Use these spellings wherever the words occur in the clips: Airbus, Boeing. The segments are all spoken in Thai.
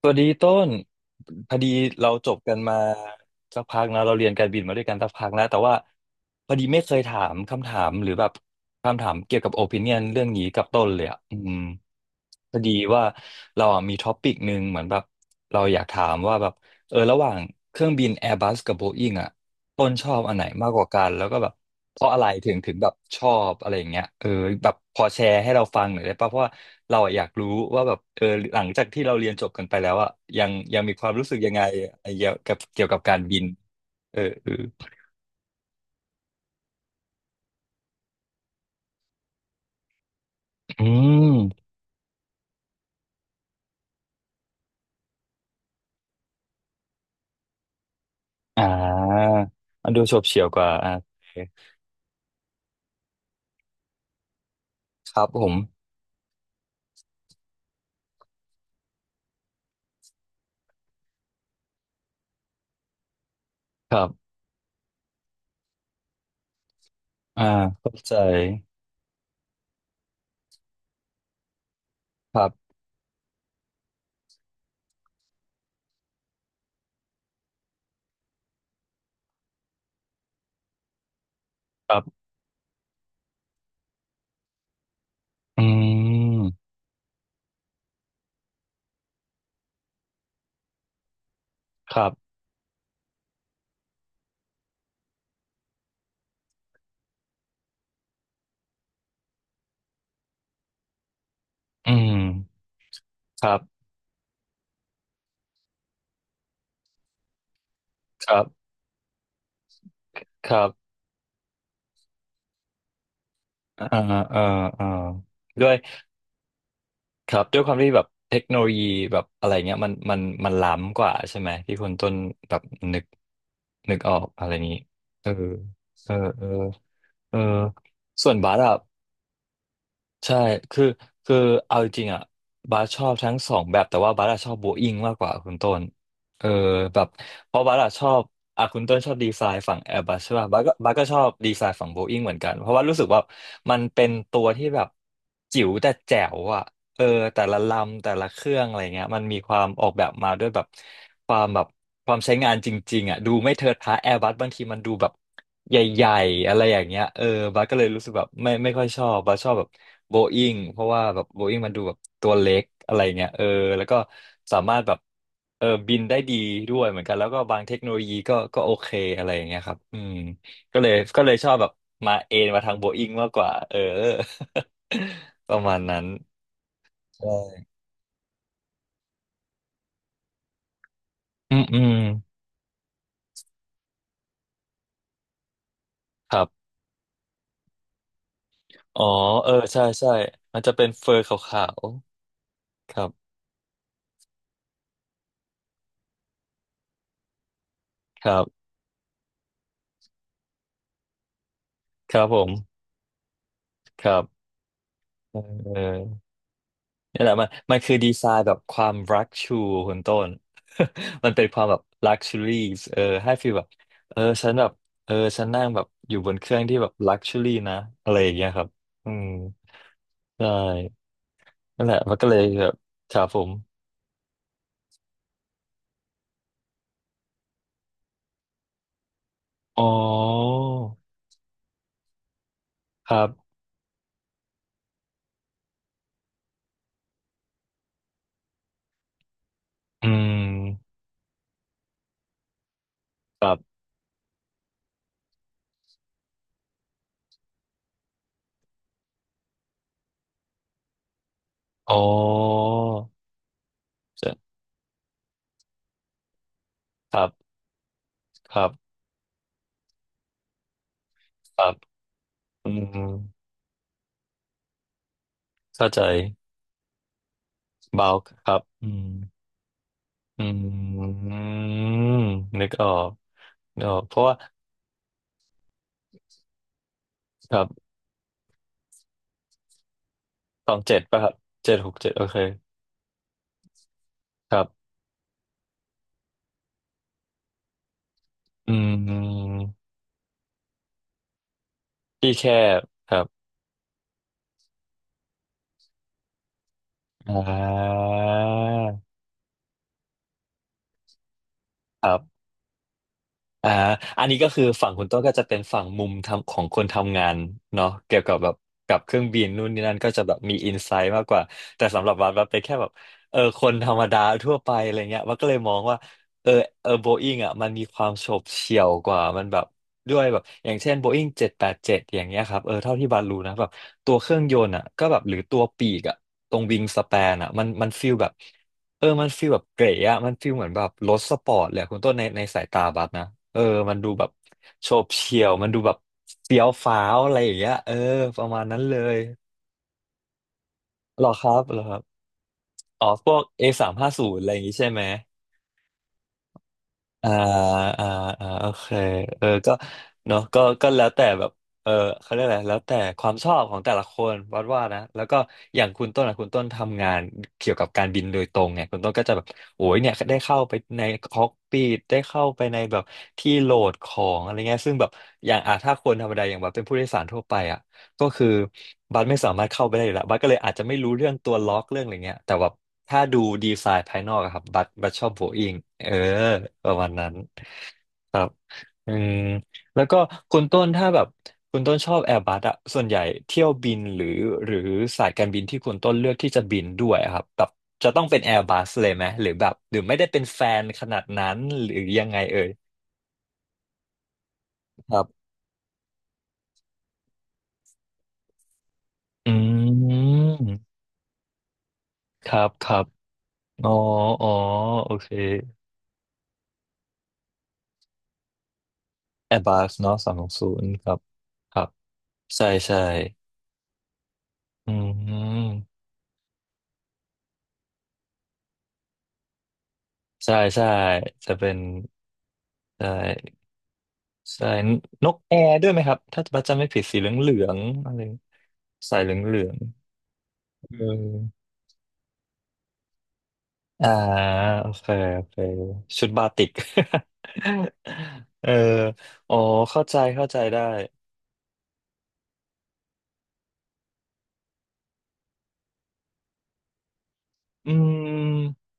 สวัสดีต้นพอดีเราจบกันมาสักพักนะเราเรียนการบินมาด้วยกันสักพักนะแต่ว่าพอดีไม่เคยถามคำถามหรือแบบคำถามเกี่ยวกับโอปิเนียนเรื่องนี้กับต้นเลยอ่ะอืมพอดีว่าเราอะมีท็อปิกหนึ่งเหมือนแบบเราอยากถามว่าแบบเออระหว่างเครื่องบิน Airbus กับ Boeing อ่ะ ต้นชอบอันไหนมากกว่ากันแล้วก็แบบเพราะอะไรถึงแบบชอบอะไรอย่างเงี้ยเออแบบพอแชร์ให้เราฟังหน่อยได้ป่ะเพราะว่าเราอะอยากรู้ว่าแบบเออหลังจากที่เราเรียนจบกันไปแล้วอะยังมีความรู้สึกยังไงไอ้เกี่ยวกับเกี่ยวกับการบินเออเอออืมอ่ามันดูโฉบเฉี่ยวกว่าอ่าโอเคครับผมครับอ่าเข้าใจครับครับอืมครับอืมครับครับครับอ่าอ่าอ่า ครับด้วยความที่แบบเทคโนโลยีแบบอะไรเงี้ยมันล้ำกว่าใช่ไหมที่คุณต้นแบบนึกนึกออกอะไรนี้เออเออเออเออส่วนบาสอะ ใช่คือคือ เอาจริงๆอ่ะบาสชอบทั้งสองแบบ แต่ว่าบาสอะชอบโบอิงมากกว่าคุณต้น เออ แบบ เพราะบาสอะชอบอ่ะคุณต้นชอบดีไซน์ฝั่งแอร์บัสใช่ป่ะบาสก็ชอบดีไซน์ฝั่งโบอิงเหมือนกัน เพราะว่ารู้สึกว่า มันเป็นตัวที่แบบ จิ๋วแต่แจ๋วอ่ะเออแต่ละลำแต่ละเครื่องอะไรเงี้ยมันมีความออกแบบมาด้วยแบบความแบบ ความใช้งานจริงๆอ่ะดูไม่เทิดทะแอร์บัสบางทีมันดูแบบ ใหญ่ๆอะไรอย่างเงี้ยเออบัสก็เลยรู้สึกแบบไม่ค่อยชอบบัสชอบแบบโบอิงเพราะว่าแบบโบอิงมันดูแบบตัวเล็กอะไรเงี้ยเออแล้วก็สามารถแบบเออบินได้ดีด้วยเหมือนกันแล้วก็บางเทคโนโลยีก็โอเคอะไรอย่างเงี้ยครับอืมก็เลยชอบแบบมาเอนมาทางโบอิงมากกว่าเออ ประมาณนั้นใช่อืมอืมครับอ๋อเออใช่ใช่มันจะเป็นเฟอร์ขาวๆครับครับครับผมครับเออ นี่แหละมันมันคือดีไซน์แบบความรักชูคุณต้น มันเป็นความแบบลักชัวรี่เออให้ฟีลแบบเออฉันแบบเออฉันนั่งแบบอยู่บนเครื่องที่แบบลักชัวรี่นะอะไรอย่างเงี้ยครับอืมใช่นั่นแหละมันก็เลยแบบครับผมอ๋อครับอืมครับอ๋อจะครับครับครับอืมเข้าใจเบาครับอืมอืมนึกออกนึกออกเพราะว่า ครับ777ป่ะครับ767โอเคครับอืมที่แคบครับอ่าครับ อ่าอันนี้ก็คือฝั่งคุณต้นก็จะเป็นฝั่งมุมทำของคนทำงานเนาะเกี่ยวกับแบบกับเครื่องบินนู่นนี่นั่นก็จะแบบมีอินไซต์มากกว่าแต่สำหรับวัดเป็นแค่แบบเออคนธรรมดาทั่วไปอะไรเงี้ยวัดก็เลยมองว่าเออเออโบอิงอ่ะมันมีความโฉบเฉี่ยวกว่ามันแบบด้วยแบบอย่างเช่นโบอิง787อย่างเงี้ยครับเออเท่าที่บัดรู้นะแบบตัวเครื่องยนต์อ่ะก็แบบหรือตัวปีกอ่ะตรงวิงสแปนอ่ะมันมันฟีลแบบ เออมันฟีลแบบเก๋อะมันฟีลเหมือนแบบรถสปอร์ตเลยอะคุณต้นในสายตาบัสนะเออมันดูแบบโฉบเฉี่ยว มันดูแบบเฟี้ยวฟ้าวอะไรอย่างเงี้ยเออประมาณนั้นเลยหรอครับหรอครับอ๋อพวก A350อะไรอย่างงี้ใช่ไหม อ่าอ่าอ่าโอเคเออก็เนาะก็ก็แล้วแต่แบบเออเขาเรียกอะไรแล้วแต่ความชอบของแต่ละคนวัดว่านะแล้วก็อย่างคุณต้นอะคุณต้นทำงานเกี่ยวกับการบินโดยตรงไงคุณต้นก็จะแบบโอ้ยเนี่ยได้เข้าไปในคอกปีดได้เข้าไปในแบบที่โหลดของอะไรเงี้ยซึ่งแบบอย่างอ่ะถ้าคนธรรมดาอย่างแบบเป็นผู้โดยสารทั่วไปอะ ก็คือบัสไม่สามารถเข้าไปได้อยู่แล้วบัสก็เลยอาจจะไม่รู้เรื่องตัวล็อกเรื่องอะไรเงี้ยแต่แบบถ้าดูดีไซน์ภายนอกอะครับบัสชอบโบอิงเออประมาณนั้นครับอืมแล้วก็คุณต้นถ้าแบบคุณต้นชอบแอร์บัสอะส่วนใหญ่เที่ยวบินหรือสายการบินที่คุณต้นเลือกที่จะบินด้วยอะครับแบบจะต้องเป็นแอร์บัสเลยไหมหรือแบบหรือไม่ได้เป็นแฟนขนาดนั้นหรือยังไงเอ่ยครับอืมครับครับอ๋ออ๋อโอเค Airbusเนาะ360ครับครับใช่ใช่อืมใช่ใช่จะเป็นใช่ใช่นนกแอร์ด้วยไหมครับถ้าบัสจำไม่ผิดสีเหลืองเหลืองอะไรสายเหลืองเหลืองเอออ่าโอเคโอเคชุดบาติก เอออ๋อเข้าใจเข้าใจได้อืม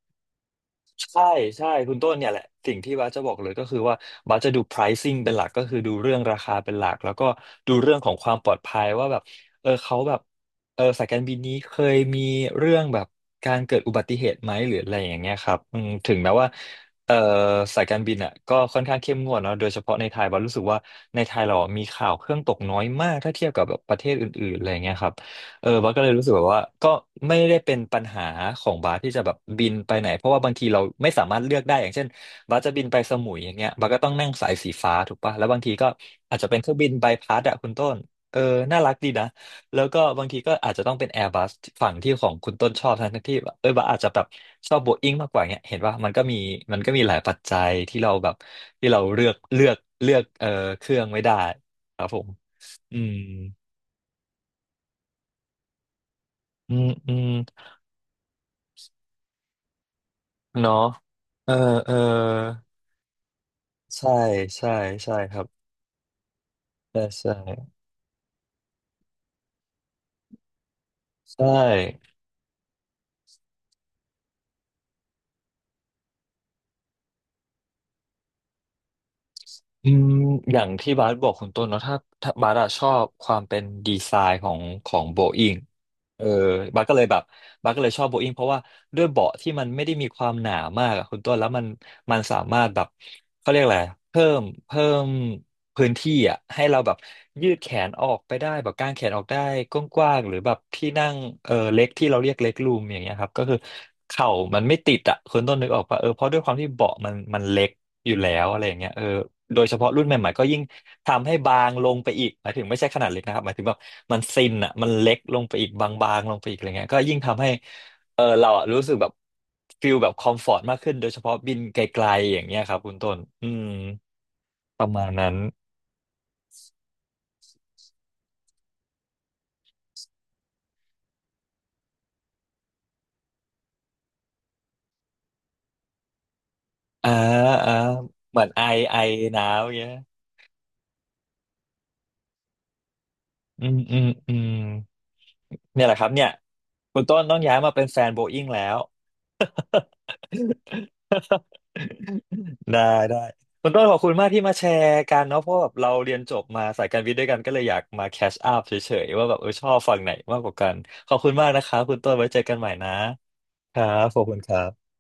ใช่ใช่คุณต้นเนี่ยแหละสิ่งที่บ้าสจะบอกเลยก็คือว่าบ้าสจะดู pricing เป็นหลักก็คือดูเรื่องราคาเป็นหลักแล้วก็ดูเรื่องของความปลอดภัยว่าแบบเออเขาแบบเออสายการบินนี้เคยมีเรื่องแบบการเกิดอุบัติเหตุไหมหรืออะไรอย่างเงี้ยครับอืมถึงแม้ว่าเออสายการบินอ่ะก็ค่อนข้างเข้มงวดเนาะโดยเฉพาะในไทยบ้าสรู้สึกว่าในไทยเรามีข่าวเครื่องตกน้อยมากถ้าเทียบกับแบบประเทศอื่นๆอะไรอย่างเงี้ยครับ เออบัสก็เลยรู้สึกแบบว่าก็ไม่ได้เป็นปัญหาของบัสที่จะแบบบินไปไหนเพราะว่าบางทีเราไม่สามารถเลือกได้อย่างเช่นบัสจะบินไปสมุยอย่างเงี้ยบัสก็ต้องนั่งสายสีฟ้าถูกปะแล้วบางทีก็อาจจะเป็นเครื่องบินใบพัดอะคุณต้นเออน่ารักดีนะแล้วก็บางทีก็อาจจะต้องเป็นแอร์บัสฝั่งที่ของคุณต้นชอบทั้งที่แบบเออบัสอาจจะแบบชอบโบอิ้งมากกว่าเงี้ยเห็นว่ามันก็มีหลายปัจจัยที่เราแบบที่เราเลือกเออเครื่องไม่ได้ครับผมอืมอืมอืม เนาะ เออ เออ ใช่ ใช่ ใช่ครับ ใช่ ใช่ ใช่ อืมอย่างที่บาสบอกคุณต้นเนาะถ้าบาสอะชอบความเป็นดีไซน์ของโบอิงเออบาสก็เลยแบบบาสก็เลยชอบโบอิงเพราะว่าด้วยเบาะที่มันไม่ได้มีความหนามากอะคุณต้นแล้วมันสามารถแบบเขาเรียกอะไรเพิ่มพื้นที่อะให้เราแบบยืดแขนออกไปได้แบบกางแขนออกได้กว้างๆหรือแบบที่นั่งเออเล็กที่เราเรียกเล็กรูมอย่างเงี้ยครับก็คือเข่ามันไม่ติดอะคุณต้นนึกออกปะเออเพราะด้วยความที่เบาะมันเล็ก อยู่แล้วอะไรอย่างเงี้ยเออโดยเฉพาะรุ่นใหม่ๆก็ยิ่งทำให้บางลงไปอีกหมายถึงไม่ใช่ขนาดเล็กนะครับหมายถึงแบบมันซินอ่ะมันเล็กลงไปอีกบางๆลงไปอีกอะไรเงี้ยก็ยิ่งทำให้เออเราอะรู้สึกแบบฟิลแบบคอมฟอร์ตมากขึ้นโดยเฉพาะบินไกลๆอย่างเงี้ยครับคุณต้นอืมประมาณนั้นอ่าอ่าเหมือนไอไอหนาวอย่างเงี้ยอืมอืมอืมเนี่ยแหละครับเนี่ยคุณต้นต้องย้ายมาเป็นแฟนโบอิ้งแล้ว ได้ได้คุณต้นขอบคุณมากที่มาแชร์กันเนาะเพราะแบบเราเรียนจบมาสายการวิทย์ด้วยกันก็เลยอยากมาแคชอัพเฉยๆว่าแบบเออชอบฝั่งไหนมากกว่ากันขอบคุณมากนะคะคุณต้นไว้เจอกันใหม่นะครับขอบคุณครับ